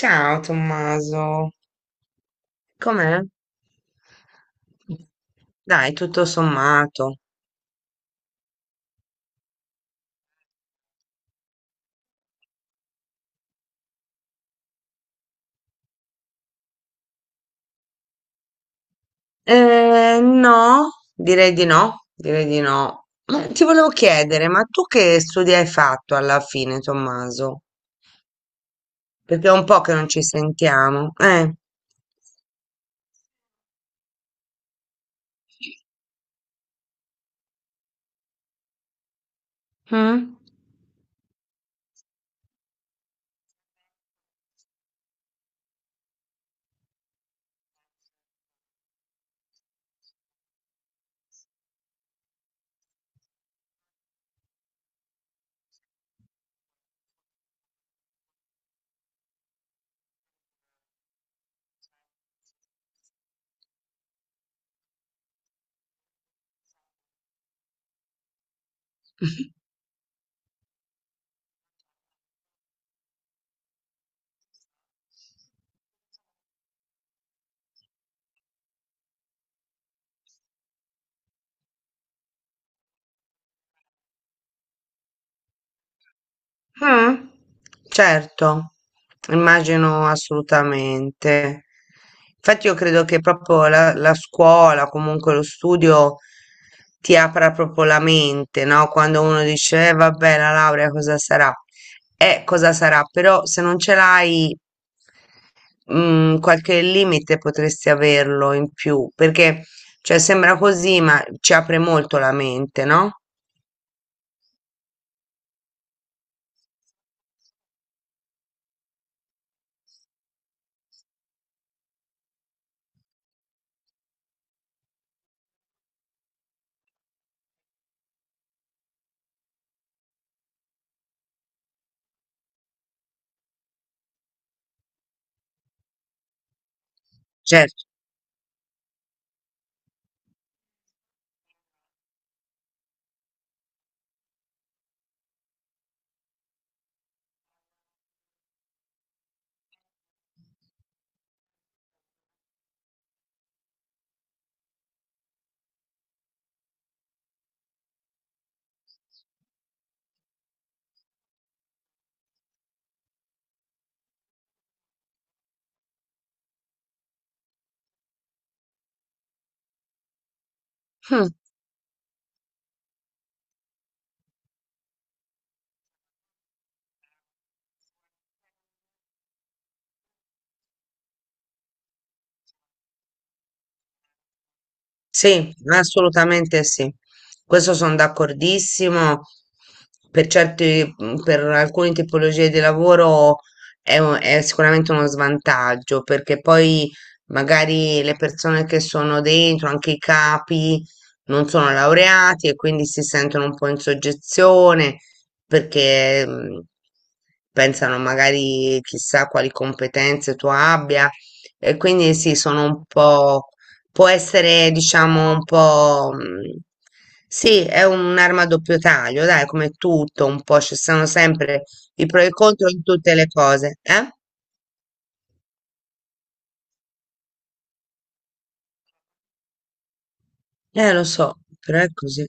Ciao Tommaso, com'è? Dai, tutto sommato. No, direi di no, direi di no. Ma ti volevo chiedere, ma tu che studi hai fatto alla fine, Tommaso? Perché è un po' che non ci sentiamo. Eh? Mm? Mh. Certo, immagino assolutamente. Infatti io credo che proprio la scuola, comunque lo studio, ti apra proprio la mente, no, quando uno dice: "Eh vabbè, la laurea cosa sarà?" Cosa sarà, però se non ce l'hai, mhmm, qualche limite potresti averlo in più, perché, cioè, sembra così, ma ci apre molto la mente, no? Certo. Mh. Sì, assolutamente sì. Questo sono d'accordissimo. Per certi, per alcune tipologie di lavoro è, è sicuramente uno svantaggio, perché poi magari le persone che sono dentro, anche i capi, non sono laureati e quindi si sentono un po' in soggezione perché pensano magari chissà quali competenze tu abbia e quindi sì, sono un po'. Può essere, diciamo, un po', sì, è un'arma a doppio taglio, dai, come tutto, un po' ci sono sempre i pro e i contro in tutte le cose, eh? Lo so, però è così.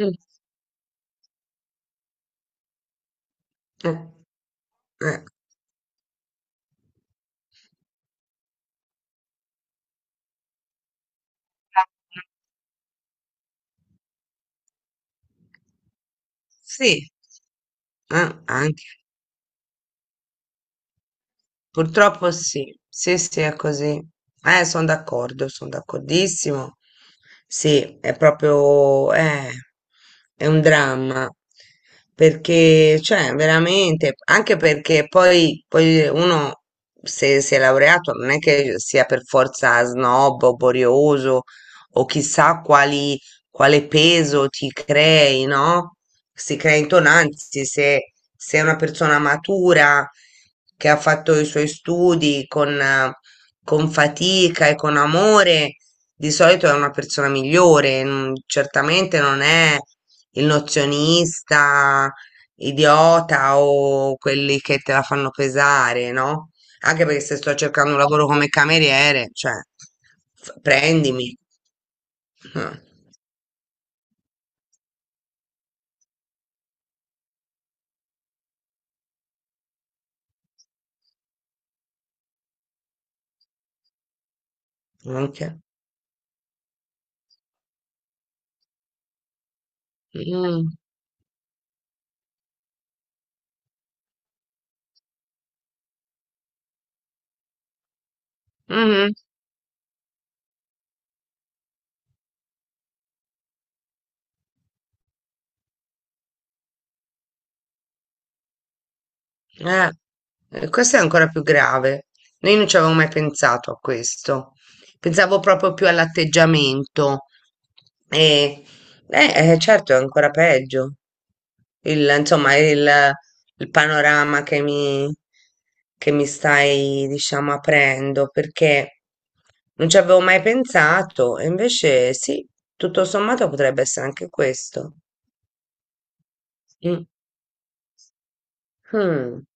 Mm, eh, eh. Sì, anche. Purtroppo sì, sì, sì, è così. Sono d'accordo, sono d'accordissimo. Sì, è proprio, è un dramma, perché, cioè, veramente, anche perché poi uno, se si è laureato, non è che sia per forza snob o borioso o chissà quale peso ti crei, no? Si crea intonanza, se è una persona matura che ha fatto i suoi studi con fatica e con amore, di solito è una persona migliore, certamente non è il nozionista, idiota o quelli che te la fanno pesare, no? Anche perché se sto cercando un lavoro come cameriere, cioè, prendimi. Eh, Anche. Mm. Mhm. Eh, questo è ancora più grave. Noi non ci avevamo mai pensato a questo. Pensavo proprio più all'atteggiamento. E, certo, è ancora peggio. Il, insomma, il panorama che che mi stai, diciamo, aprendo, perché non ci avevo mai pensato. E invece sì, tutto sommato potrebbe essere anche questo. Mm. Mm.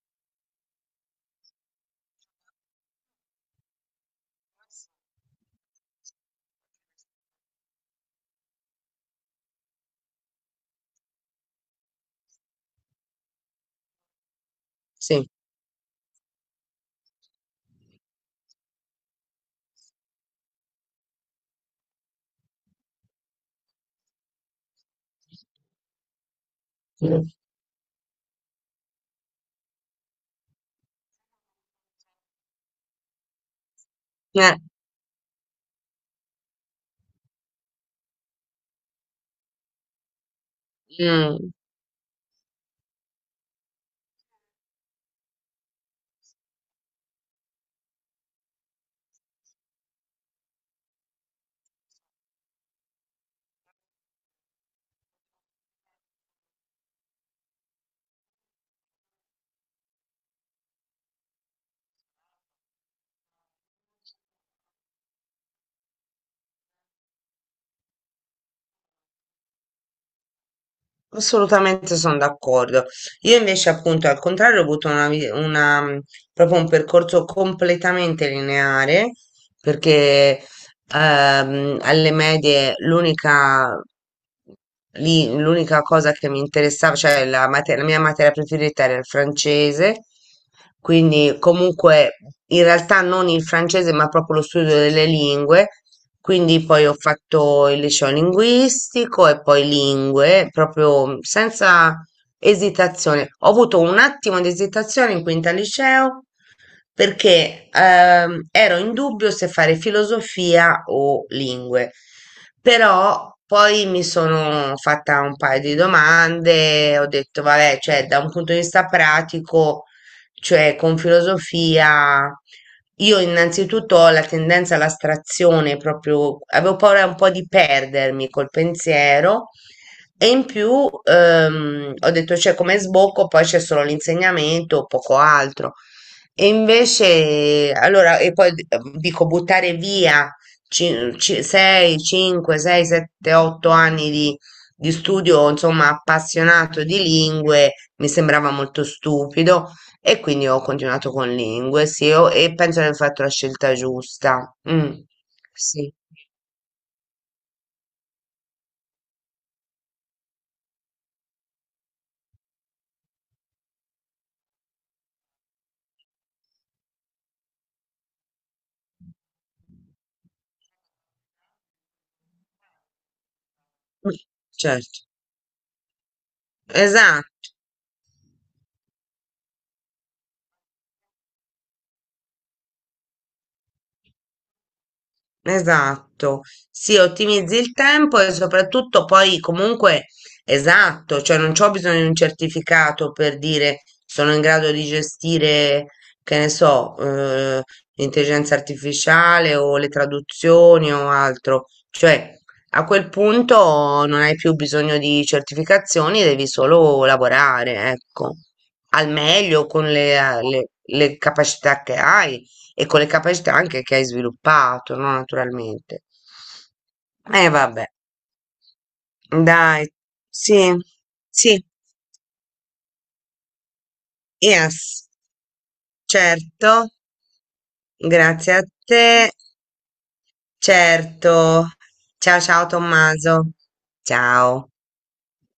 Sì. Mm. Eh, mm. Assolutamente sono d'accordo. Io invece, appunto, al contrario, ho avuto proprio un percorso completamente lineare, perché alle medie l'unica cosa che mi interessava, cioè la mia materia preferita era il francese, quindi comunque in realtà non il francese, ma proprio lo studio delle lingue. Quindi poi ho fatto il liceo linguistico e poi lingue, proprio senza esitazione. Ho avuto un attimo di esitazione in quinta liceo perché ero in dubbio se fare filosofia o lingue, però poi mi sono fatta un paio di domande, ho detto, vabbè, cioè da un punto di vista pratico, cioè con filosofia, io innanzitutto ho la tendenza all'astrazione, proprio avevo paura un po' di perdermi col pensiero. E in più ho detto, cioè, come sbocco poi c'è solo l'insegnamento, poco altro. E invece, allora, e poi dico buttare via 6, 5, 6, 7, 8 anni di studio, insomma, appassionato di lingue, mi sembrava molto stupido e quindi ho continuato con lingue, sì, e penso di aver fatto la scelta giusta. Mm, sì, mm, certo. Esatto. Esatto, sì, ottimizzi il tempo e soprattutto poi comunque esatto, cioè non c'ho bisogno di un certificato per dire sono in grado di gestire, che ne so, l'intelligenza artificiale o le traduzioni o altro, cioè a quel punto non hai più bisogno di certificazioni, devi solo lavorare, ecco, al meglio con le capacità che hai e con le capacità anche che hai sviluppato, no? Naturalmente. Eh vabbè, dai, sì, sì, yes, certo, grazie a te, certo. Ciao ciao Tommaso, ciao.